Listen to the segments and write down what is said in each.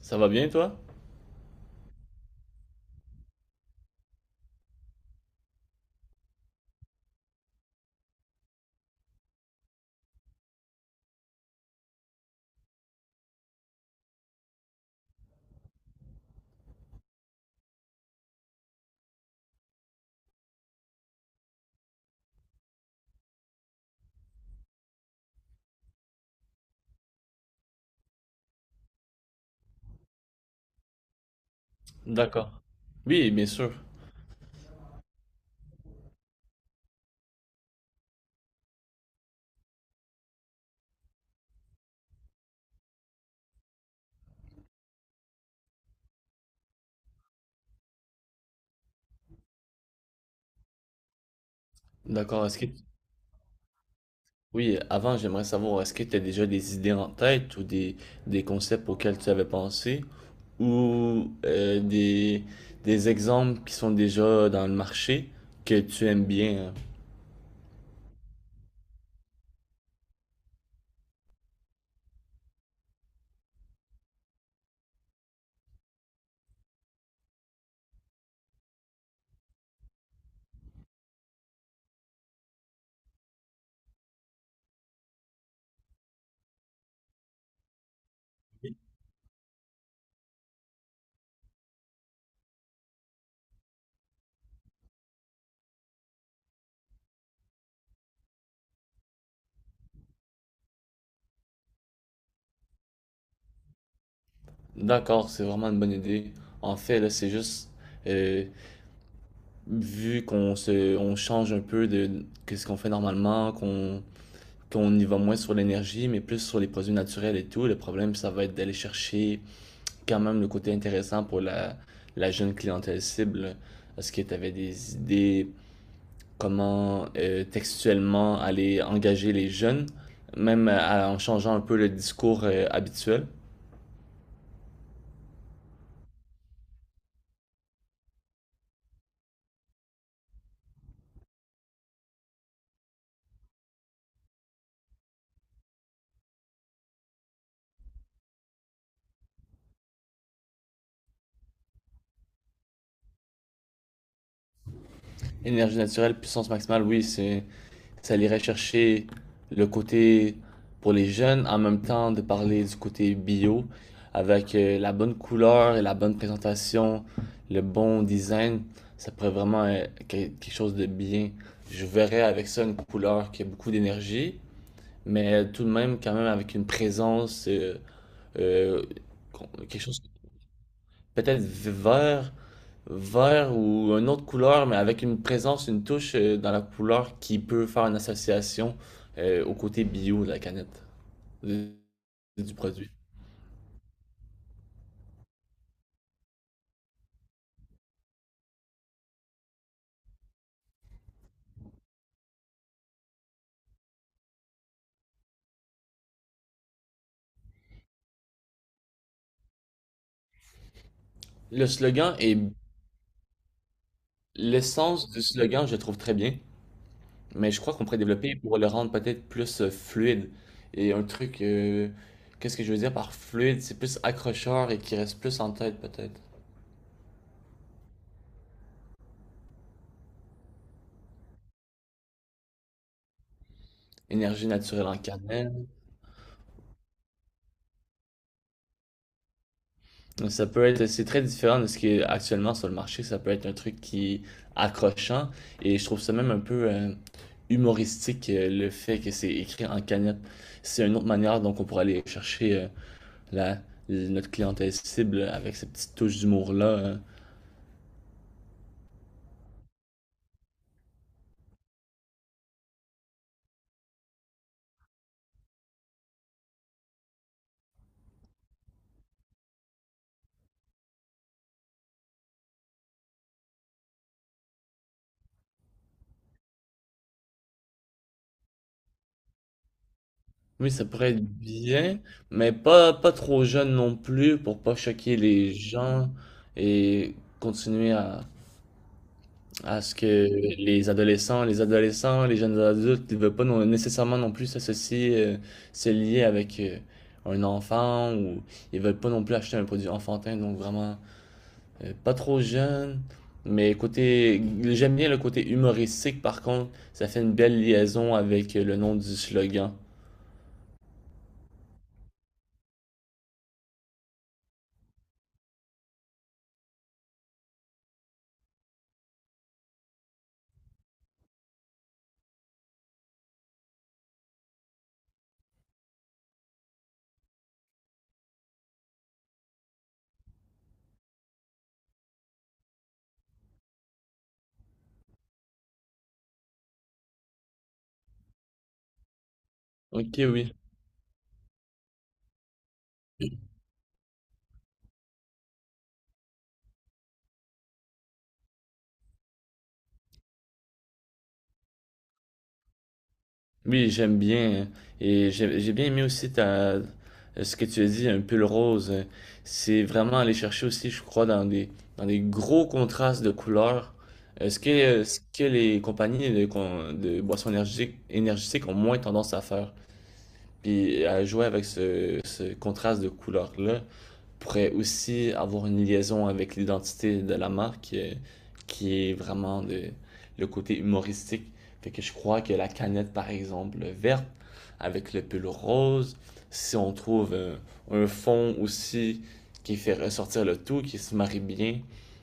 Ça va bien, toi? D'accord. Oui, bien sûr. D'accord. Est-ce que... Oui, avant, j'aimerais savoir, est-ce que tu as déjà des idées en tête ou des concepts auxquels tu avais pensé ou des exemples qui sont déjà dans le marché que tu aimes bien, hein? D'accord, c'est vraiment une bonne idée. En fait, là, c'est juste, euh, vu qu'on se, on change un peu de, qu'est-ce qu'on fait normalement, qu'on y va moins sur l'énergie, mais plus sur les produits naturels et tout. Le problème, ça va être d'aller chercher quand même le côté intéressant pour la jeune clientèle cible. Est-ce que tu avais des idées comment textuellement aller engager les jeunes, même en changeant un peu le discours habituel? Énergie naturelle, puissance maximale, oui, c'est ça irait chercher le côté pour les jeunes, en même temps de parler du côté bio, avec la bonne couleur et la bonne présentation, le bon design, ça pourrait vraiment être quelque chose de bien. Je verrais avec ça une couleur qui a beaucoup d'énergie, mais tout de même quand même avec une présence, euh, quelque chose peut-être vert. Vert ou une autre couleur, mais avec une présence, une touche dans la couleur qui peut faire une association au côté bio de la canette, de- du produit. Le slogan est l'essence du slogan, je le trouve très bien, mais je crois qu'on pourrait développer pour le rendre peut-être plus fluide. Et un truc, qu'est-ce que je veux dire par fluide? C'est plus accrocheur et qui reste plus en tête peut-être. Énergie naturelle en canette. Donc, ça peut être, c'est très différent de ce qui est actuellement sur le marché. Ça peut être un truc qui est accrochant et je trouve ça même un peu humoristique le fait que c'est écrit en cagnotte. C'est une autre manière donc on pourrait aller chercher la, notre clientèle cible avec cette petite touche d'humour-là. Oui, ça pourrait être bien, mais pas trop jeune non plus pour pas choquer les gens et continuer à ce que les adolescents, les jeunes adultes ne veulent pas nécessairement non plus s'associer, se lier avec un enfant ou ils veulent pas non plus acheter un produit enfantin, donc vraiment pas trop jeune. Mais côté, j'aime bien le côté humoristique par contre, ça fait une belle liaison avec le nom du slogan. Ok, oui. Oui, j'aime bien, hein. Et j'ai bien aimé aussi ta, euh, ce que tu as dit, un pull rose. C'est vraiment aller chercher aussi, je crois, dans des gros contrastes de couleurs. Est-ce que, ce que les compagnies de boissons énergiques, énergétiques ont moins tendance à faire? Puis à jouer avec ce contraste de couleurs-là pourrait aussi avoir une liaison avec l'identité de la marque qui est vraiment le côté humoristique. Fait que je crois que la canette, par exemple, verte avec le pull rose, si on trouve un fond aussi qui fait ressortir le tout, qui se marie bien,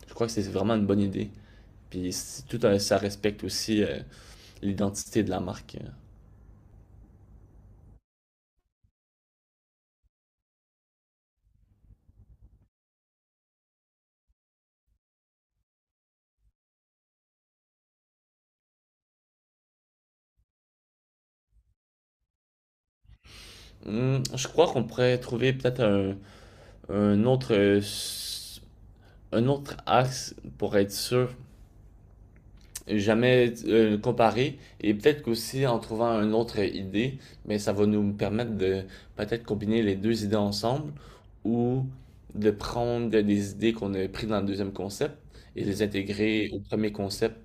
je crois que c'est vraiment une bonne idée. Puis ça respecte aussi l'identité de la marque. Je crois qu'on pourrait trouver peut-être un autre un autre axe pour être sûr, jamais comparer et peut-être qu'aussi en trouvant une autre idée, mais ça va nous permettre de peut-être combiner les deux idées ensemble ou de prendre des idées qu'on a prises dans le deuxième concept et les intégrer au premier concept.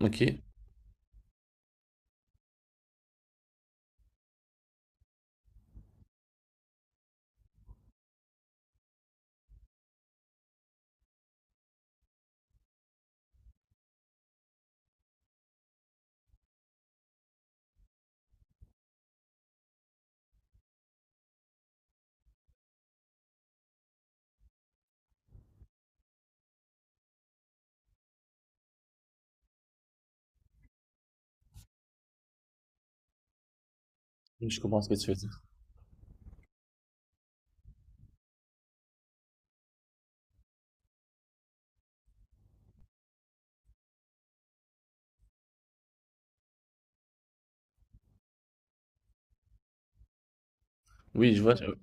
Ok, je comprends ce que tu veux dire. Oui, je vois.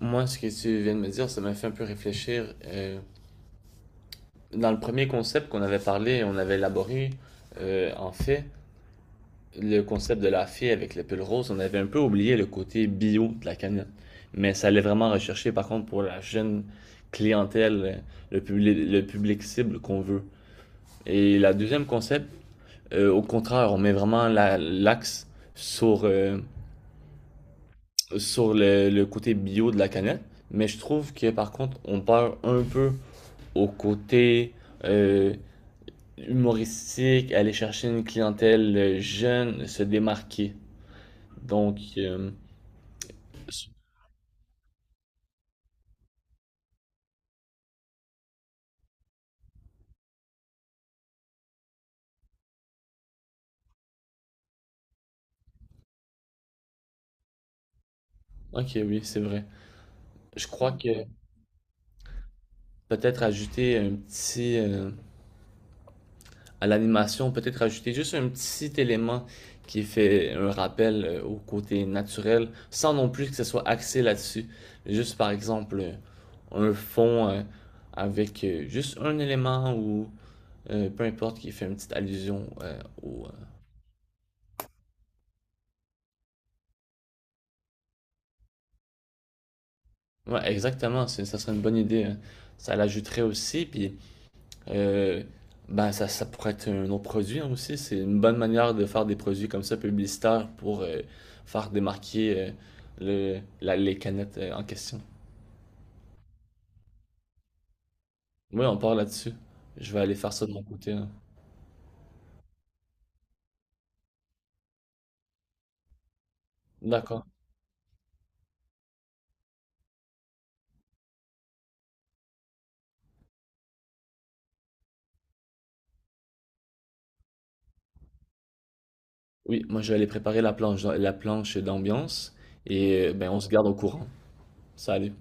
Moi, ce que tu viens de me dire, ça m'a fait un peu réfléchir. Dans le premier concept qu'on avait parlé, on avait élaboré, en fait, le concept de la fée avec le pull rose, on avait un peu oublié le côté bio de la canette. Mais ça allait vraiment rechercher, par contre, pour la jeune clientèle, le public cible qu'on veut. Et la deuxième concept, au contraire, on met vraiment l'axe sur, sur le côté bio de la canette. Mais je trouve que, par contre, on perd un peu au côté euh, humoristique, aller chercher une clientèle jeune, se démarquer. Donc, ok, oui, c'est vrai. Je crois que peut-être ajouter un petit, à l'animation, peut-être ajouter juste un petit élément qui fait un rappel au côté naturel, sans non plus que ce soit axé là-dessus. Juste par exemple, un fond avec juste un élément ou peu importe qui fait une petite allusion ouais, exactement, ça serait une bonne idée, hein. Ça l'ajouterait aussi, puis Euh, ben ça pourrait être un autre produit hein, aussi. C'est une bonne manière de faire des produits comme ça publicitaires pour faire démarquer le, les canettes en question. Oui, on part là-dessus. Je vais aller faire ça de mon côté, hein. D'accord. Oui, moi je vais aller préparer la planche d'ambiance et ben on se garde au courant. Salut.